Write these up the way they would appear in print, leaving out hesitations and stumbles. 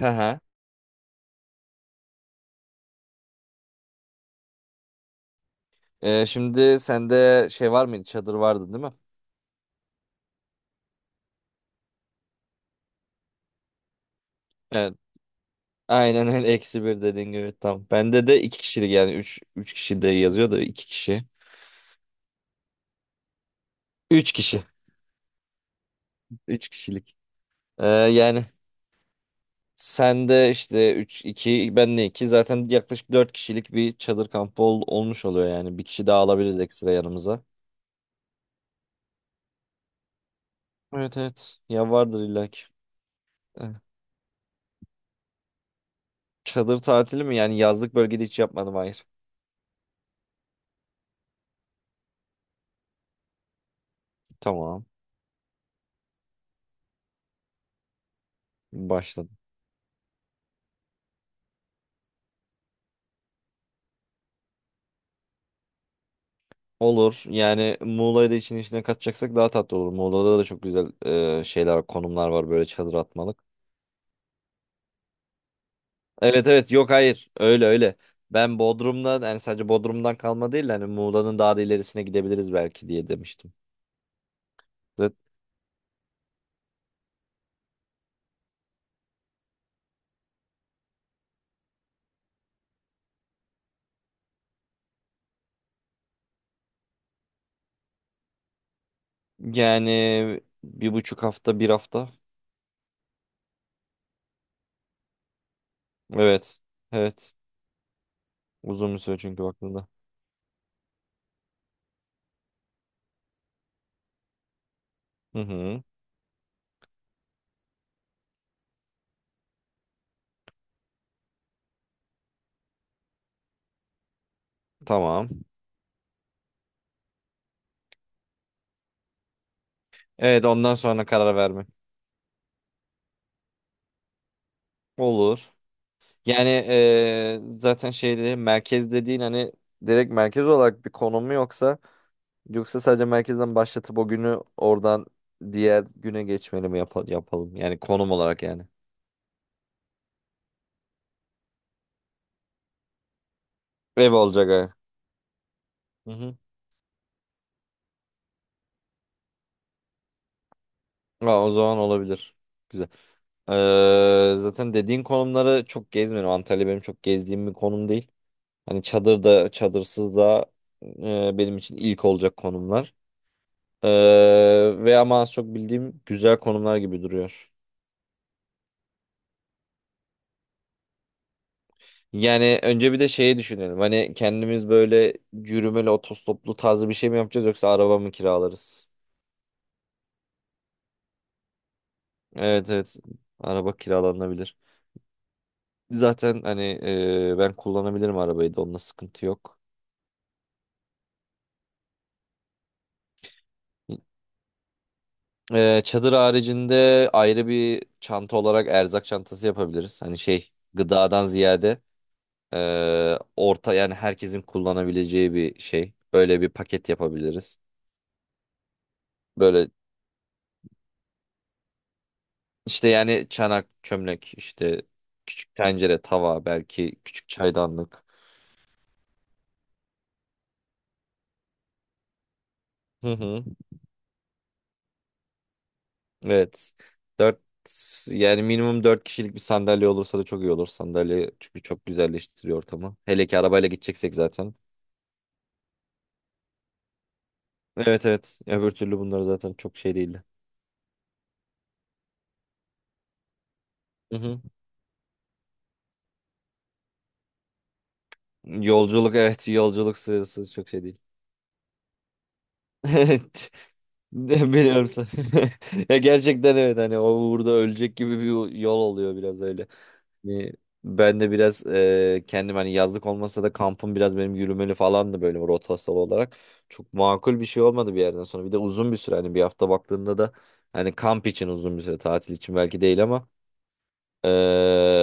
Hı hı. Şimdi sende şey var mıydı? Çadır vardı değil mi? Evet. Aynen öyle. Eksi bir dediğin gibi tam. Bende de 2 kişilik yani. Üç kişi de yazıyor da iki kişi. 3 kişi. 3 kişilik. Yani sende işte üç, iki, ben de iki. Zaten yaklaşık 4 kişilik bir çadır kampı olmuş oluyor yani. Bir kişi daha alabiliriz ekstra yanımıza. Evet, evet. Ya vardır illa ki. Eh. Çadır tatili mi? Yani yazlık bölgede hiç yapmadım, hayır. Tamam. Başladım. Olur. Yani Muğla'yı da işin içine katacaksak daha tatlı olur. Muğla'da da çok güzel şeyler var, konumlar var böyle çadır atmalık. Evet, evet, yok, hayır, öyle öyle. Ben Bodrum'dan yani sadece Bodrum'dan kalma değil de hani Muğla'nın daha da ilerisine gidebiliriz belki diye demiştim. Zat- Yani 1,5 hafta bir hafta. Evet, evet, uzun bir süre çünkü baktığında. Hı hı, tamam. Evet, ondan sonra karar verme. Olur. Yani zaten şeyde merkez dediğin hani direkt merkez olarak bir konum mu yoksa sadece merkezden başlatıp o günü oradan diğer güne geçmeli mi yapalım? Yani konum olarak yani. Ev olacak ha. Hı hı. O zaman olabilir. Güzel. Zaten dediğin konumları çok gezmedim. Antalya benim çok gezdiğim bir konum değil. Hani çadır da çadırsız da benim için ilk olacak konumlar. Ve ama az çok bildiğim güzel konumlar gibi duruyor. Yani önce bir de şeyi düşünelim. Hani kendimiz böyle yürümeli otostoplu tarzı bir şey mi yapacağız yoksa araba mı kiralarız? Evet, evet. Araba kiralanabilir. Zaten hani ben kullanabilirim arabayı da onunla sıkıntı yok. Çadır haricinde ayrı bir çanta olarak erzak çantası yapabiliriz. Hani şey gıdadan ziyade orta yani herkesin kullanabileceği bir şey. Böyle bir paket yapabiliriz. Böyle İşte yani çanak, çömlek, işte küçük tencere, tava, belki küçük çaydanlık. Hı hı. Evet. Dört yani minimum 4 kişilik bir sandalye olursa da çok iyi olur. Sandalye çünkü çok güzelleştiriyor ortamı. Hele ki arabayla gideceksek zaten. Evet, evet. Öbür türlü bunları zaten çok şey değildi. Hı hı. Yolculuk, evet, yolculuk sırası çok şey değil. Evet. Biliyorum sen. Ya gerçekten evet hani o uğurda ölecek gibi bir yol oluyor biraz öyle. Yani ben de biraz kendim hani yazlık olmasa da kampım biraz benim yürümeli falandı böyle rotasyon olarak. Çok makul bir şey olmadı bir yerden sonra. Bir de uzun bir süre hani bir hafta baktığında da hani kamp için uzun bir süre tatil için belki değil ama e,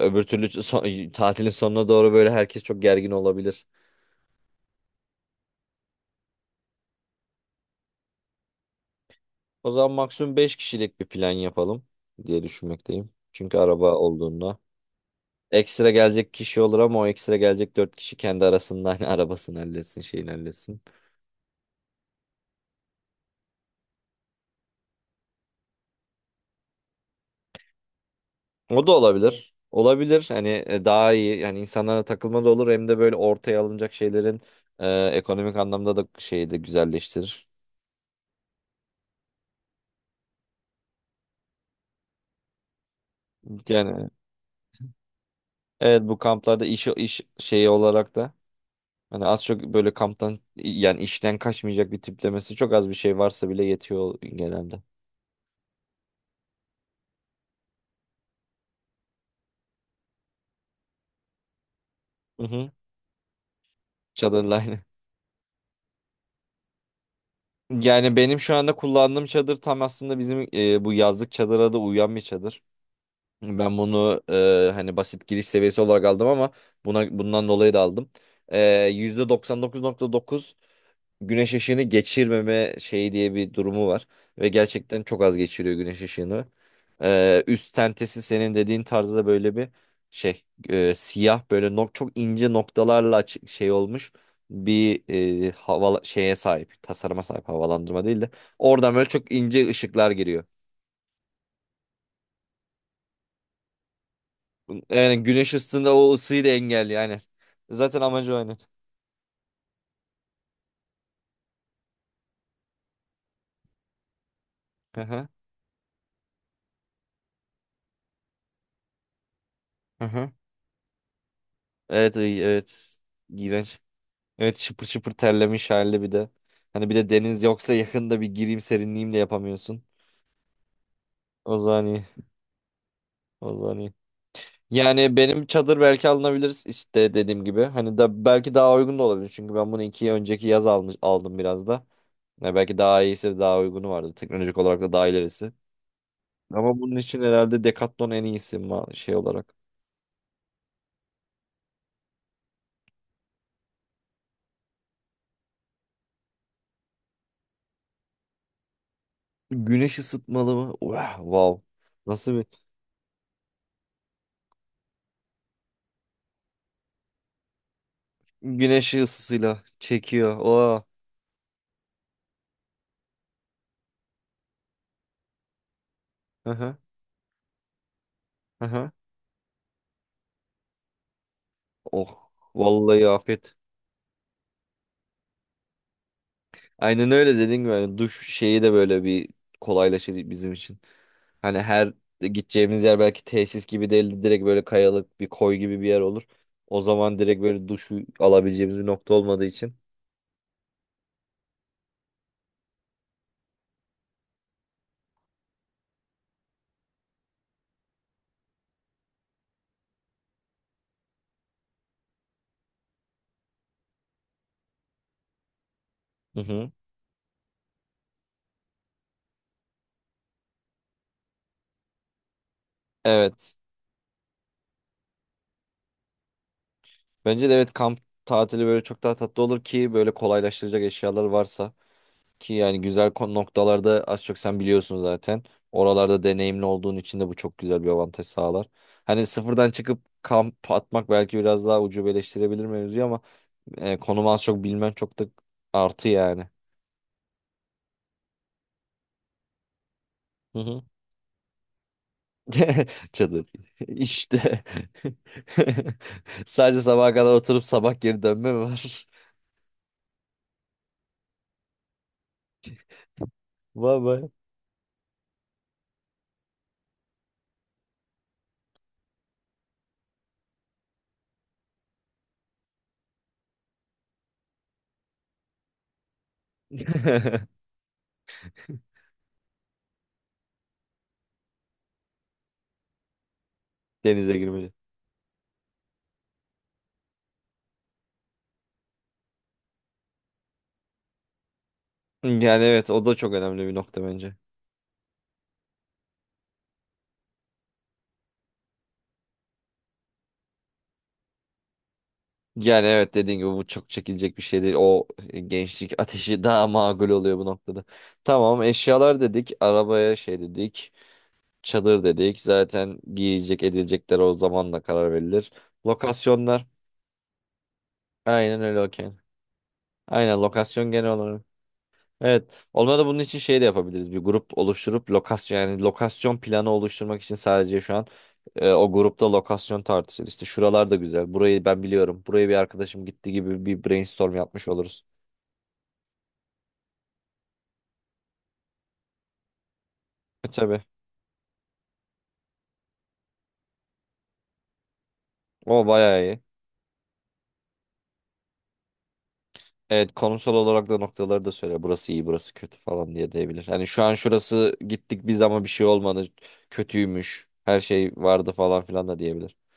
öbür türlü tatilin sonuna doğru böyle herkes çok gergin olabilir. O zaman maksimum 5 kişilik bir plan yapalım diye düşünmekteyim. Çünkü araba olduğunda ekstra gelecek kişi olur ama o ekstra gelecek 4 kişi kendi arasında hani arabasını halletsin şeyini halletsin. O da olabilir. Olabilir. Hani daha iyi. Yani insanlara takılma da olur. Hem de böyle ortaya alınacak şeylerin ekonomik anlamda da şeyi de güzelleştirir. Yani evet bu kamplarda iş şeyi olarak da hani az çok böyle kamptan yani işten kaçmayacak bir tiplemesi çok az bir şey varsa bile yetiyor genelde. Hı hı. Çadırla aynı. Yani benim şu anda kullandığım çadır tam aslında bizim bu yazlık çadıra da uyan bir çadır. Ben bunu hani basit giriş seviyesi olarak aldım ama buna bundan dolayı da aldım. E, %99,9 güneş ışığını geçirmeme şeyi diye bir durumu var. Ve gerçekten çok az geçiriyor güneş ışığını. Üst tentesi senin dediğin tarzda böyle bir şey siyah böyle çok ince noktalarla açık şey olmuş bir hava şeye sahip tasarıma sahip havalandırma değil de oradan böyle çok ince ışıklar giriyor. Yani güneş ısısında o ısıyı da engelliyor aynen. Zaten amacı o aynen. Aha, aha. Evet, evet. İğrenç. Evet, şıpır şıpır terlemiş halde bir de. Hani bir de deniz yoksa yakında bir gireyim serinleyeyim de yapamıyorsun. O zaman iyi. O zaman iyi. Yani benim çadır belki alınabilir işte dediğim gibi. Hani da belki daha uygun da olabilir. Çünkü ben bunu iki önceki yaz aldım biraz da. Ya belki daha iyisi daha uygunu vardı. Teknolojik olarak da daha ilerisi. Ama bunun için herhalde Decathlon en iyisi şey olarak. Güneş ısıtmalı mı? Vah, wow. Nasıl bir güneş ısısıyla çekiyor. Oh. Aha, aha. Oh. Vallahi afiyet. Aynen öyle dediğin gibi yani duş şeyi de böyle bir kolaylaşır bizim için. Hani her gideceğimiz yer belki tesis gibi değil direkt böyle kayalık bir koy gibi bir yer olur. O zaman direkt böyle duşu alabileceğimiz bir nokta olmadığı için. Hı hı. Evet. Bence de evet kamp tatili böyle çok daha tatlı olur ki böyle kolaylaştıracak eşyalar varsa. Ki yani güzel noktalarda az çok sen biliyorsun zaten. Oralarda deneyimli olduğun için de bu çok güzel bir avantaj sağlar. Hani sıfırdan çıkıp kamp atmak belki biraz daha ucubeleştirebilir mevzuyu ama konumu az çok bilmen çok da artı yani. Hı hı. Çadır. İşte. Sadece sabaha kadar oturup sabah geri dönme mi var? Vay, vay. Denize girmeli. Yani evet o da çok önemli bir nokta bence. Yani evet dediğin gibi bu çok çekilecek bir şey değil. O gençlik ateşi daha makul oluyor bu noktada. Tamam, eşyalar dedik, arabaya şey dedik, çadır dedik. Zaten giyecek edilecekler o zamanla karar verilir. Lokasyonlar. Aynen öyle, okey. Aynen lokasyon genel olarak. Evet. Olmadı bunun için şey de yapabiliriz. Bir grup oluşturup lokasyon yani lokasyon planı oluşturmak için sadece şu an o grupta lokasyon tartışır. İşte şuralar da güzel. Burayı ben biliyorum. Buraya bir arkadaşım gitti gibi bir brainstorm yapmış oluruz. Tabii. O bayağı iyi. Evet, konsol olarak da noktaları da söyle. Burası iyi, burası kötü falan diye diyebilir. Hani şu an şurası gittik biz ama bir şey olmadı. Kötüymüş. Her şey vardı falan filan da diyebilir.